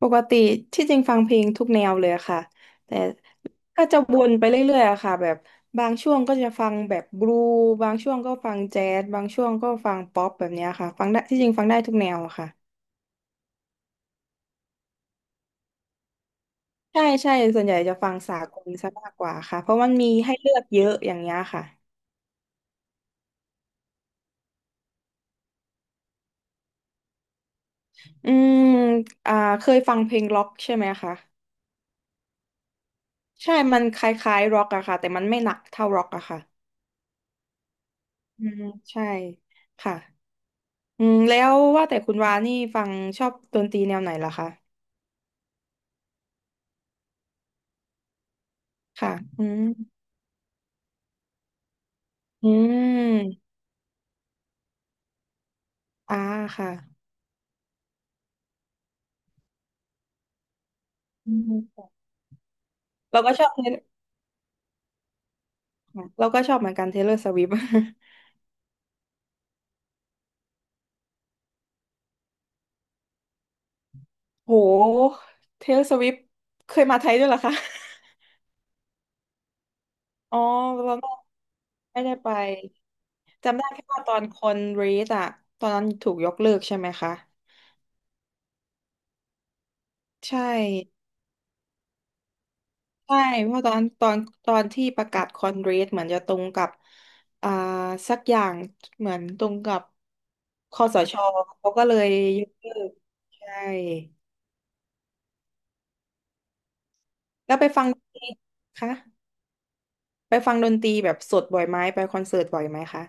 ปกติที่จริงฟังเพลงทุกแนวเลยอะค่ะแต่ก็จะวนไปเรื่อยๆอะค่ะแบบบางช่วงก็จะฟังแบบบลูบางช่วงก็ฟังแจ๊สบางช่วงก็ฟังป๊อปแบบเนี้ยค่ะฟังได้ที่จริงฟังได้ทุกแนวอะค่ะใช่ใช่ส่วนใหญ่จะฟังสากลซะมากกว่าค่ะเพราะมันมีให้เลือกเยอะอย่างเงี้ยค่ะอืมอ่าเคยฟังเพลงร็อกใช่ไหมคะใช่มันคล้ายๆร็อกอะค่ะแต่มันไม่หนักเท่าร็อกอะค่ะอืมใช่ค่ะ อืมแล้วว่าแต่คุณวานี่ฟังชอบดนตรีแนวไหนล่ะคะค่ะ อืมอืมอ่าค่ะอืมเราก็ชอบเทเลเราก็ชอบเหมือนกันเทเล o r s สวิฟ โหเทเล o r s สวิฟเคยมาไทยด้วยเหรอคะอ๋อเราไม่ได้ไป จำได้แค่ว่าตอนคอนเรสอะ ตอนนั้นถูกยกเลิกใช่ไหมคะ ใช่ ใช่เพราะตอนที่ประกาศคอนเกรสเหมือนจะตรงกับอ่าสักอย่างเหมือนตรงกับคสชเขาก็เลยยกเลิกใช่แล้วไปฟังดนตรีคะไปฟังดนตรีแบบสดบ่อยไหมไปคอนเสิร์ตบ่อยไหมคะ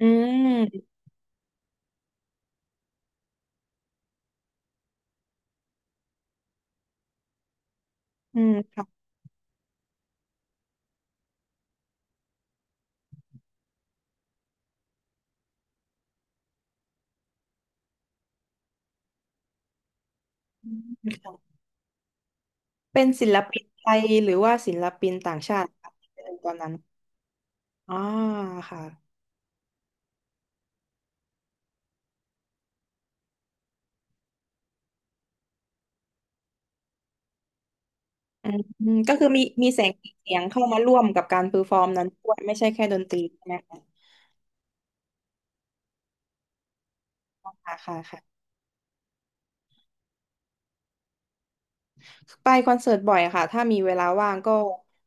อืมอืมค่ะอืมค่ะเป็นศิลปินไทยหรือว่าศิลปินต่างชาติคะที่เป็นตอนนั้นอ่าค่ะ อืมก็คือมีแสงสีเสียงเข้ามาร่วมกับการเพอร์ฟอร์มนั้นด้วยไม่ใช่แค่ดนตรีใช่ไหมคะค่ะค่ะค่ะไปคอนเสิร์ตบ่อยค่ะถ้ามีเวลาว่างก็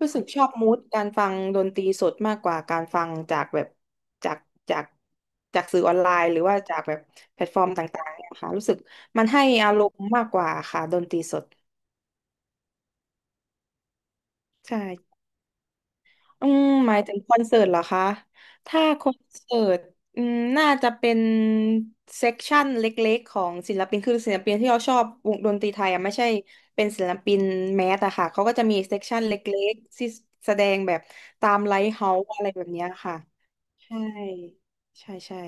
รู้สึกชอบมูดการฟังดนตรีสดมากกว่าการฟังจากแบบจากจากจากสื่อออนไลน์หรือว่าจากแบบแพลตฟอร์มต่างๆเนี่ยค่ะรู้สึกมันให้อารมณ์มากกว่าค่ะดนตรีสดใช่ อืมหมายถึงคอนเสิร์ตเหรอคะถ้าคอนเสิร์ตอืมน่าจะเป็นเซกชันเล็กๆของศิลปินคือศิลปินที่เราชอบวงดนตรีไทยอ่ะไม่ใช่เป็นศิลปินแมสอะค่ะเขาก็จะมีเซกชันเล็กๆที่แสดงแบบตามไลฟ์เฮาส์อะไรแบบเนี้ยค่ะใช่ใช่ใช่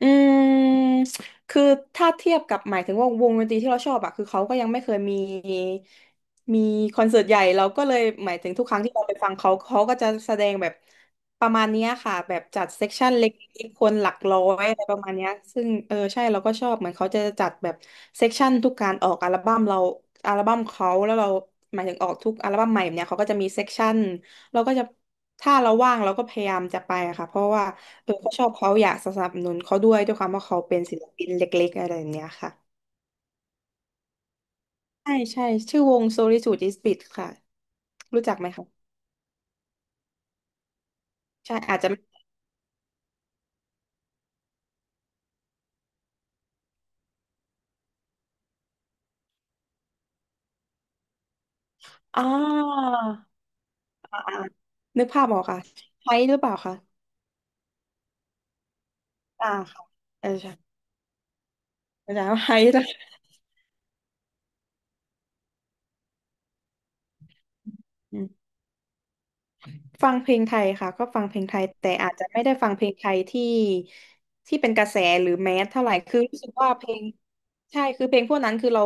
อืมคือถ้าเทียบกับหมายถึงว่าวงดนตรีที่เราชอบอะคือเขาก็ยังไม่เคยมีคอนเสิร์ตใหญ่เราก็เลยหมายถึงทุกครั้งที่เราไปฟังเขาเขาก็จะแสดงแบบประมาณเนี้ยค่ะแบบจัดเซกชันเล็กๆคนหลักร้อยอะไรประมาณเนี้ยซึ่งเออใช่เราก็ชอบเหมือนเขาจะจัดแบบเซกชันทุกการออกอัลบั้มเราอัลบั้มเขาแล้วเราหมายถึงออกทุกอัลบั้มใหม่แบบเนี้ยเขาก็จะมีเซกชัน เราก็จะถ้าเราว่างเราก็พยายามจะไปอะค่ะเพราะว่าเออเขาชอบเขาอยากสนับสนุนเขาด้วยด้วยความว่าเขาเป็นศิลปินเล็กๆอะไรอย่างเงี้ยค่ะใช่ใช่ชื่อวง Solitude is Bit ค่ะรู้จักไหมคะใช่อาจจะอ่าอ่านึกภาพออกค่ะไฮหรือเปล่าคะอ่าค่ะเออใช่อาจารย์ไฮนะ ฟังเพลงไทยค่ะก็ฟังเพลงไทยแต่อาจจะไม่ได้ฟังเพลงไทยที่เป็นกระแสหรือแมสเท่าไหร่คือรู้สึกว่าเพลงใช่คือเพลงพวกนั้นคือเรา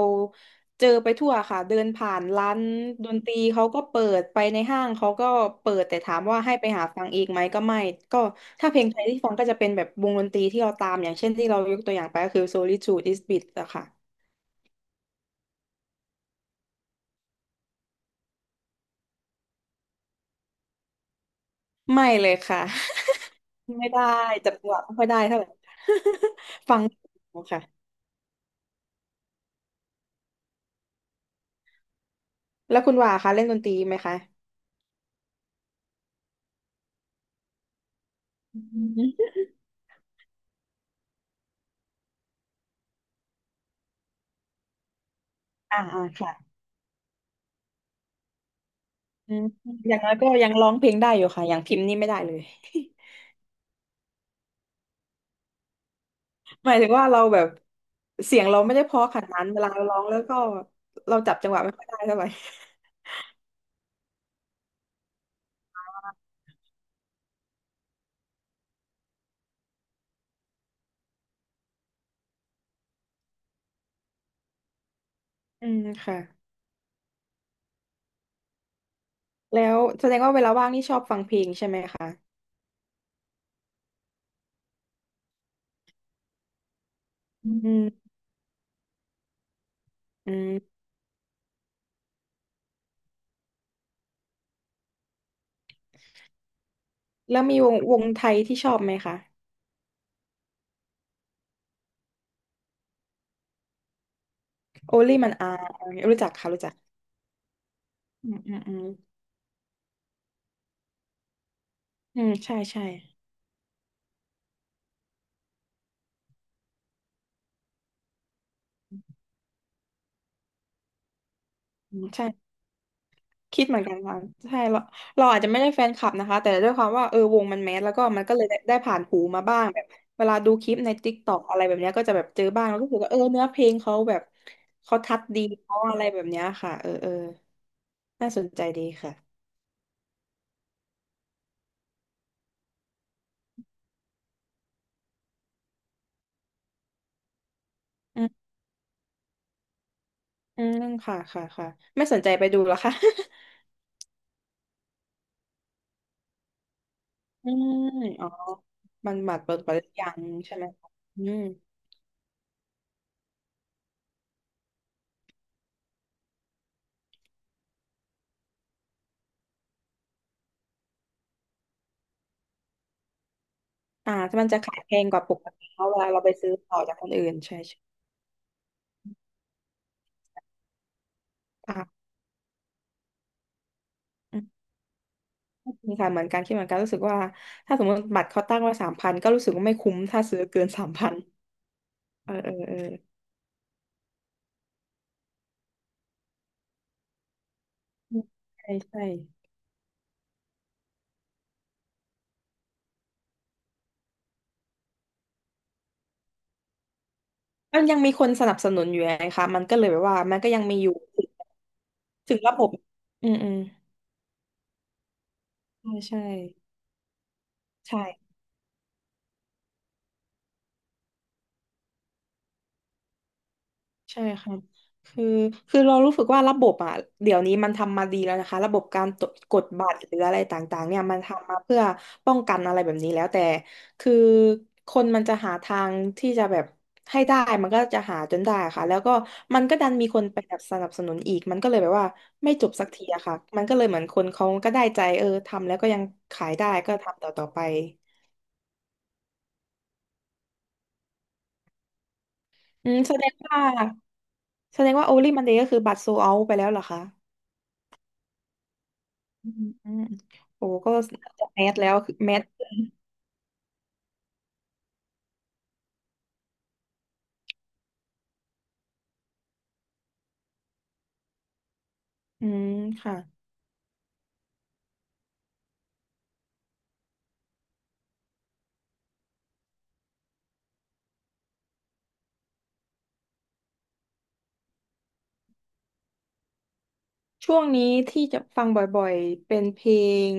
เจอไปทั่วค่ะเดินผ่านร้านดนตรีเขาก็เปิดไปในห้างเขาก็เปิดแต่ถามว่าให้ไปหาฟังอีกไหมก็ไม่ก็ถ้าเพลงไทยที่ฟังก็จะเป็นแบบวงดนตรีที่เราตามอย่างเช่นที่เรายกตัวอย่างไปก็คือ Solitude is Bit อะค่ะไม่เลยค่ะ ไม่ได้จับจังหวะไม่ค่อยได้เท่าไหร่ ฟังไม่ถูกค่ะ แล้วคุณว่าคะเล่นดนตรีไหมคะอืมอ่าอ่าค่ะอืมอย่างน้อยก็ยังร้องเพลงได้อยู่ค่ะอย่างพิมพ์นี่ไม่ได้เลย หมายถึงว่าเราแบบเสียงเราไม่ได้เพราะขนาดนั้นเวลาเราร้องแล้วก็เราจับจังหวะไม่ค่อยได้เท่าไหร่ อืมค่ะแล้วแสดงว่าเวลาว่างนี่ชอบฟังเพลงใช่ไหมคะอืมอืมแล้วมีวงไทยที่ชอบไหมคะโอลี่มันอารู้จักค่ะรู้จักอืมอืมอืมอืมใช่ใช่อืมใช่ คิดเหมือนกันค่ะใช่เราเราอาจจะไม่ได้แฟนคลับนะคะแต่ด้วยความว่าเออวงมันแมสแล้วก็มันก็เลยได้ผ่านหูมาบ้างแบบเวลาดูคลิปในติ๊กต็อกอะไรแบบเนี้ยก็จะแบบเจอบ้างแล้วก็รู้สึกว่าเออเนื้อเพลงเขาแบบเขาทัดดีเขาอะไรแบบเนี้ยค่ะเออเออน่าสนใจดีค่ะอืมอืมค่ะค่ะค่ะไม่สนใจไปดูเหรอคะ อืมอ๋อมันบัตรเปิดไปหรือยังใช่ไหมคะอืมอ่ามันจะขายแพงกว่าปกติเพราะเวลาเราไปซื้อต่อจากคนอื่นใช่ใช่ค่ะ มีค่ะเหมือนกันคิดเหมือนกันรู้สึกว่าถ้าสมมติบัตรเขาตั้งไว้สามพันก็รู้สึกว่าไม่คุ้มถ้าซื้อเกินสามพันเออเออเออใช่ใช่มันยังมีคนสนับสนุนอยู่ไงคะมันก็เลยแบบว่ามันก็ยังมีอยู่ถึงระบบอืมอืมใช่ใช่ใช่ ใช่ค่ะคือคือเรารู้สึกว่าระบบอ่ะเดี๋ยวนี้มันทำมาดีแล้วนะคะระบบการตรวจกดบัตรหรืออะไรต่างๆเนี่ยมันทำมาเพื่อป้องกันอะไรแบบนี้แล้วแต่คือคนมันจะหาทางที่จะแบบให้ได้มันก็จะหาจนได้ค่ะแล้วก็มันก็ดันมีคนไปแบบสนับสนุนอีกมันก็เลยแบบว่าไม่จบสักทีอะค่ะมันก็เลยเหมือนคนเขาก็ได้ใจเออทำแล้วก็ยังขายได้ก็ทำต่อๆไปอืมแสดงว่าโอลิมันเดย์ก็คือบัตรโซเอาไปแล้วเหรอคะ อืมอืมโอ้ก็จะแมสแล้วคือแมสอืมค่ะช่วงนี้ที่จะฟังบ่อยๆง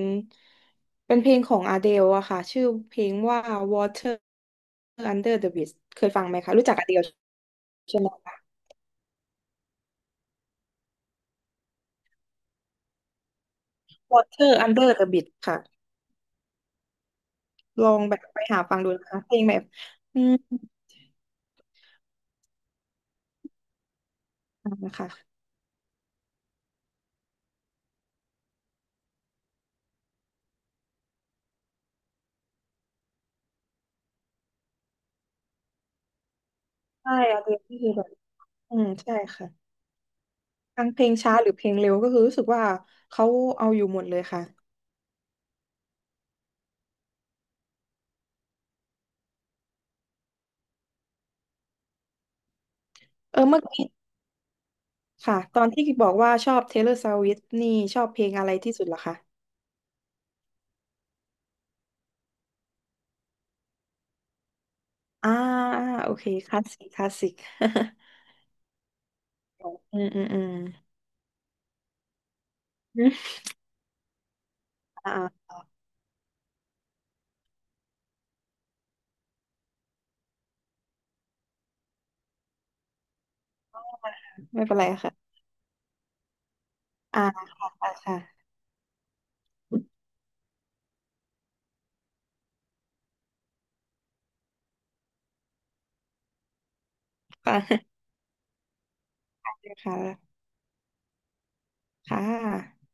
เป็นเพลงของอ d เดลอะค่ะชื่อเพลงว่า Water Under the Bridge เคยฟังไหมคะรู้จักอ d เดลใช่ไหมคะ Water Under the Bridge ค่ะลองแบบไปหาฟังดูนะคะเพลงแบบอืมนะคะใช่อ d เดลก็คือแบบอืมใช่ค่ะทั้งเพลงช้าหรือเพลงเร็วก็คือรู้สึกว่าเขาเอาอยู่หมดเลยค่ะเออเมื่อกี้ ค่ะตอนที่บอกว่าชอบ Taylor Swift นี่ชอบเพลงอะไรที่สุดเหรอคะอ่าอ่าโอเคคลาสสิกคลาสสิก อืมอืมอืมอมอ่าอ่าไม่เป็นไรค่ะอ่าค่ะค่ะค่ะค่ะค่ะ